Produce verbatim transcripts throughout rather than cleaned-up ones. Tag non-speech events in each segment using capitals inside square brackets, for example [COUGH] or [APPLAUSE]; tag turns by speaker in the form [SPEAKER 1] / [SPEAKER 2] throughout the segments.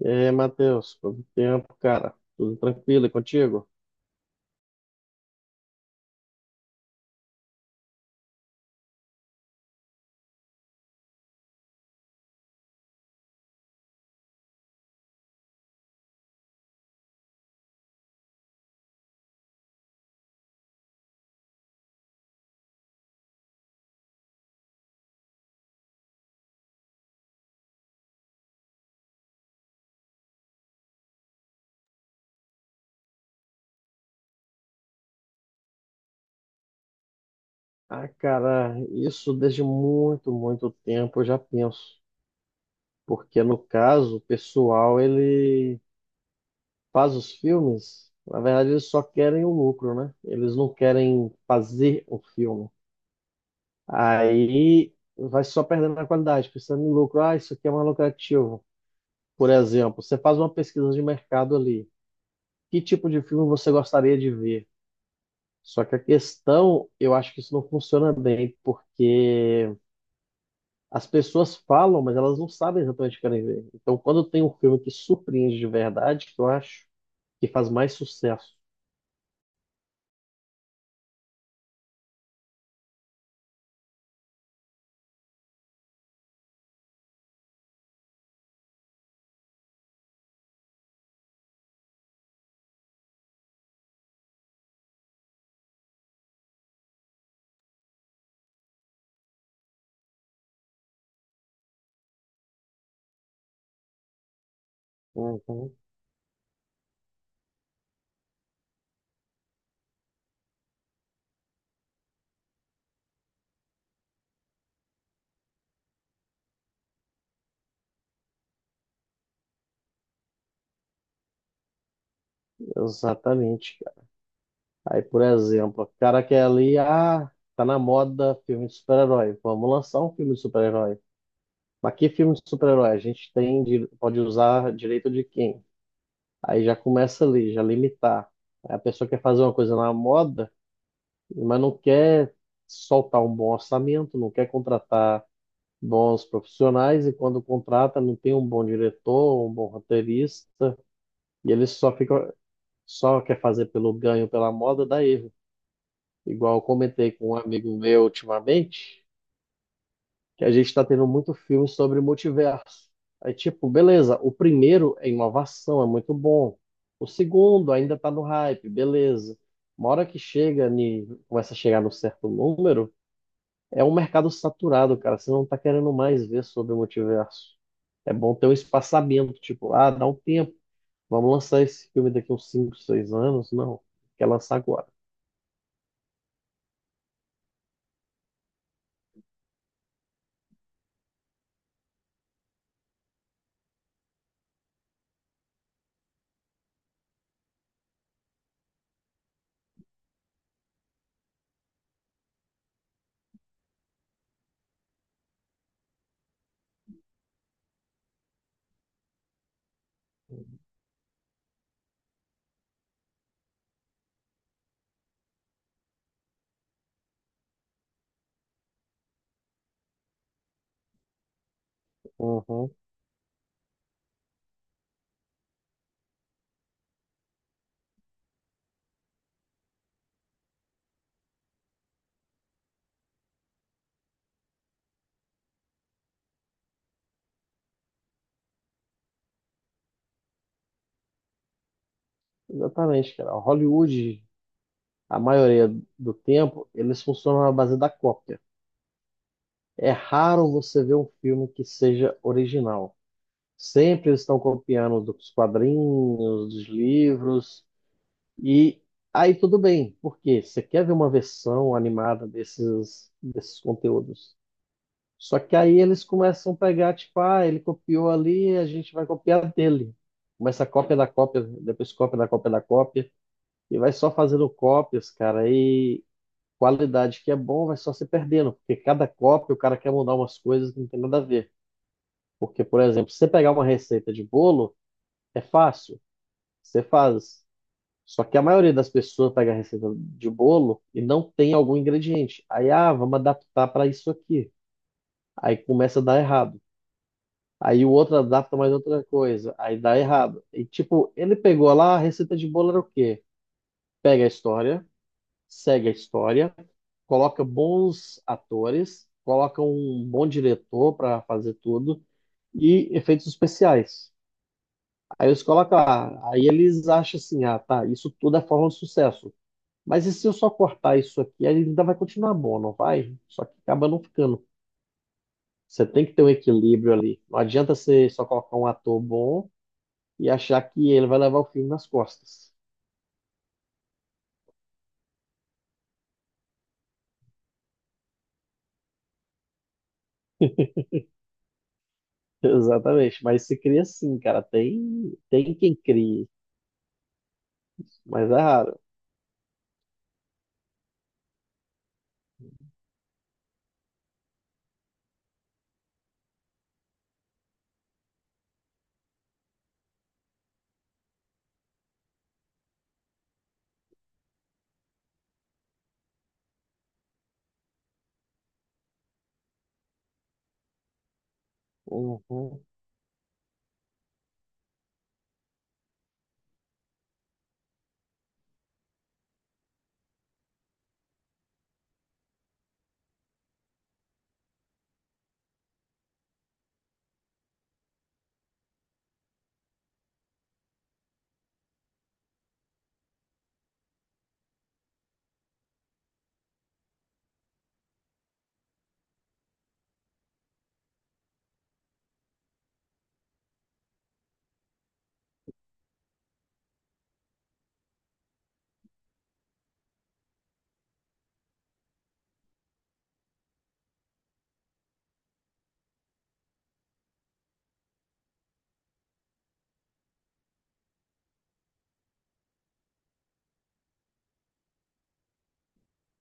[SPEAKER 1] E aí, Matheus, quanto tempo, cara? Tudo tranquilo e contigo? Ah, cara, isso desde muito, muito tempo eu já penso. Porque no caso, o pessoal, ele faz os filmes, na verdade eles só querem o lucro, né? Eles não querem fazer o filme. Aí vai só perdendo a qualidade, pensando em lucro. Ah, isso aqui é mais lucrativo. Por exemplo, você faz uma pesquisa de mercado ali. Que tipo de filme você gostaria de ver? Só que a questão, eu acho que isso não funciona bem, porque as pessoas falam, mas elas não sabem exatamente o que querem ver. Então, quando tem um filme que surpreende de verdade, que eu acho que faz mais sucesso. Uhum. Exatamente, cara. Aí, por exemplo, o cara quer ali, ah, tá na moda filme de super-herói. Vamos lançar um filme de super-herói. Mas que filme de super-herói? A gente tem, di- pode usar direito de quem? Aí já começa ali, já limitar. Aí a pessoa quer fazer uma coisa na moda, mas não quer soltar um bom orçamento, não quer contratar bons profissionais, e quando contrata não tem um bom diretor, um bom roteirista, e ele só fica, só quer fazer pelo ganho, pela moda, dá erro. Igual eu comentei com um amigo meu ultimamente, que a gente está tendo muito filme sobre multiverso. Aí, tipo, beleza, o primeiro é inovação, é muito bom. O segundo ainda está no hype, beleza. Uma hora que chega, ni- começa a chegar no certo número, é um mercado saturado, cara. Você não tá querendo mais ver sobre o multiverso. É bom ter um espaçamento, tipo, ah, dá um tempo. Vamos lançar esse filme daqui uns cinco, seis anos? Não, quer lançar agora. Uhum. Exatamente, cara. Hollywood, a maioria do tempo, eles funcionam na base da cópia. É raro você ver um filme que seja original. Sempre eles estão copiando dos quadrinhos, dos livros, e aí tudo bem, porque você quer ver uma versão animada desses, desses conteúdos. Só que aí eles começam a pegar, tipo, ah, ele copiou ali, a gente vai copiar dele. Começa a cópia da cópia, depois cópia da cópia da cópia, e vai só fazendo cópias, cara, e qualidade que é bom vai só se perdendo, porque cada cópia o cara quer mudar umas coisas que não tem nada a ver. Porque, por exemplo, se você pegar uma receita de bolo, é fácil, você faz. Só que a maioria das pessoas pega a receita de bolo e não tem algum ingrediente. Aí, ah, vamos adaptar para isso aqui. Aí começa a dar errado. Aí o outro adapta mais outra coisa. Aí dá errado. E tipo, ele pegou lá, a receita de bolo era o quê? Pega a história, segue a história, coloca bons atores, coloca um bom diretor para fazer tudo e efeitos especiais. Aí eles colocam lá. Aí eles acham assim, ah, tá, isso tudo é forma de sucesso. Mas e se eu só cortar isso aqui, aí ainda vai continuar bom, não vai? Só que acaba não ficando. Você tem que ter um equilíbrio ali. Não adianta você só colocar um ator bom e achar que ele vai levar o filme nas costas. [LAUGHS] Exatamente. Mas se cria sim, cara. Tem, tem quem crie, mas é raro. Uhum.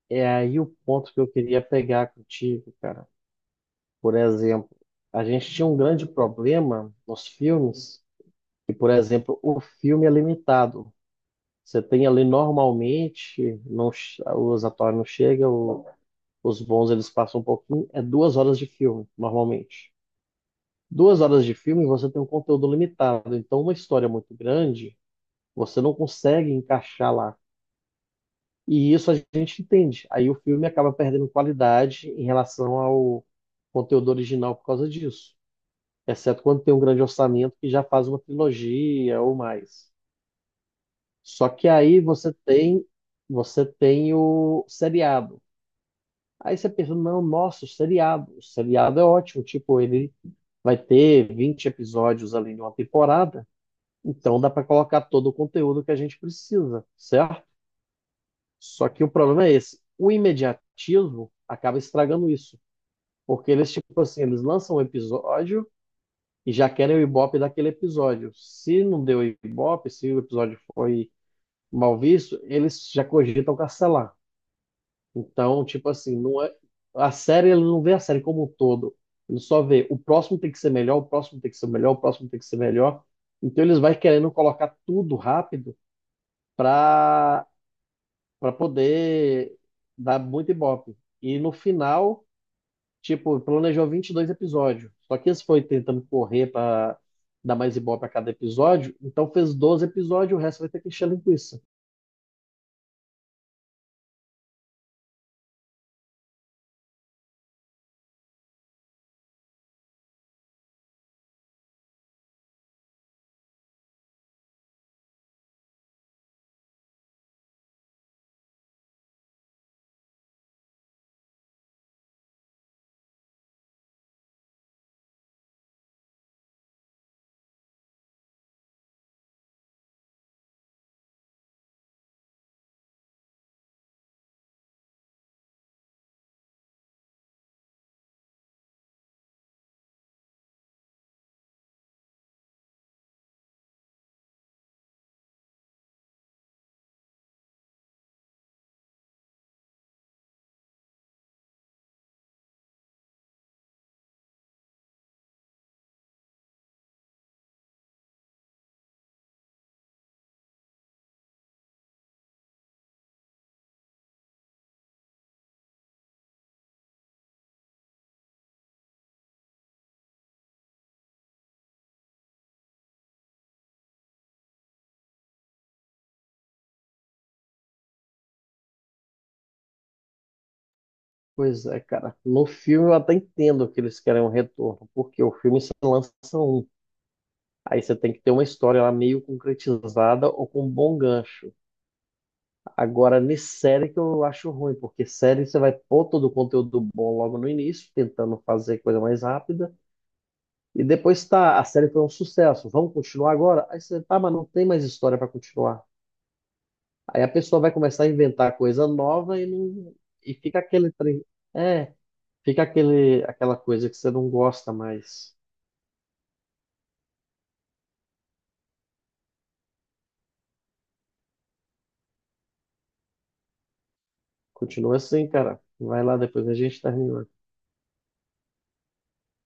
[SPEAKER 1] É aí o ponto que eu queria pegar contigo, cara. Por exemplo, a gente tinha um grande problema nos filmes, que, por exemplo, o filme é limitado. Você tem ali normalmente, não, che- o Zatora não chega, o- os bons eles passam um pouquinho, é duas horas de filme, normalmente. Duas horas de filme você tem um conteúdo limitado, então uma história muito grande você não consegue encaixar lá. E isso a gente entende. Aí o filme acaba perdendo qualidade em relação ao conteúdo original por causa disso. Exceto quando tem um grande orçamento que já faz uma trilogia ou mais. Só que aí você tem, você tem o seriado. Aí você pensa, não, nossa, o seriado. O seriado é ótimo, tipo, ele vai ter vinte episódios ali em uma temporada, então dá para colocar todo o conteúdo que a gente precisa, certo? Só que o problema é esse, o imediatismo acaba estragando isso, porque eles, tipo assim, eles lançam um episódio e já querem o ibope daquele episódio. Se não deu ibope, se o episódio foi mal visto, eles já cogitam cancelar. Então, tipo assim, não é a série, ele não vê a série como um todo. Ele só vê o próximo tem que ser melhor, o próximo tem que ser melhor, o próximo tem que ser melhor. Então eles vai querendo colocar tudo rápido para para poder dar muito ibope. E no final, tipo, planejou vinte e dois episódios. Só que eles foi tentando correr para dar mais ibope a cada episódio, então fez doze episódios, o resto vai ter que encher linguiça. Pois é, cara. No filme eu até entendo que eles querem um retorno, porque o filme se lança um. Aí você tem que ter uma história lá meio concretizada ou com um bom gancho. Agora, nessa série que eu acho ruim, porque série você vai pôr todo o conteúdo bom logo no início, tentando fazer coisa mais rápida, e depois tá, a série foi um sucesso, vamos continuar agora? Aí você, tá, mas não tem mais história para continuar. Aí a pessoa vai começar a inventar coisa nova e não, e fica aquele trem. É, fica aquele, aquela coisa que você não gosta mais. Continua assim, cara. Vai lá, depois a gente termina.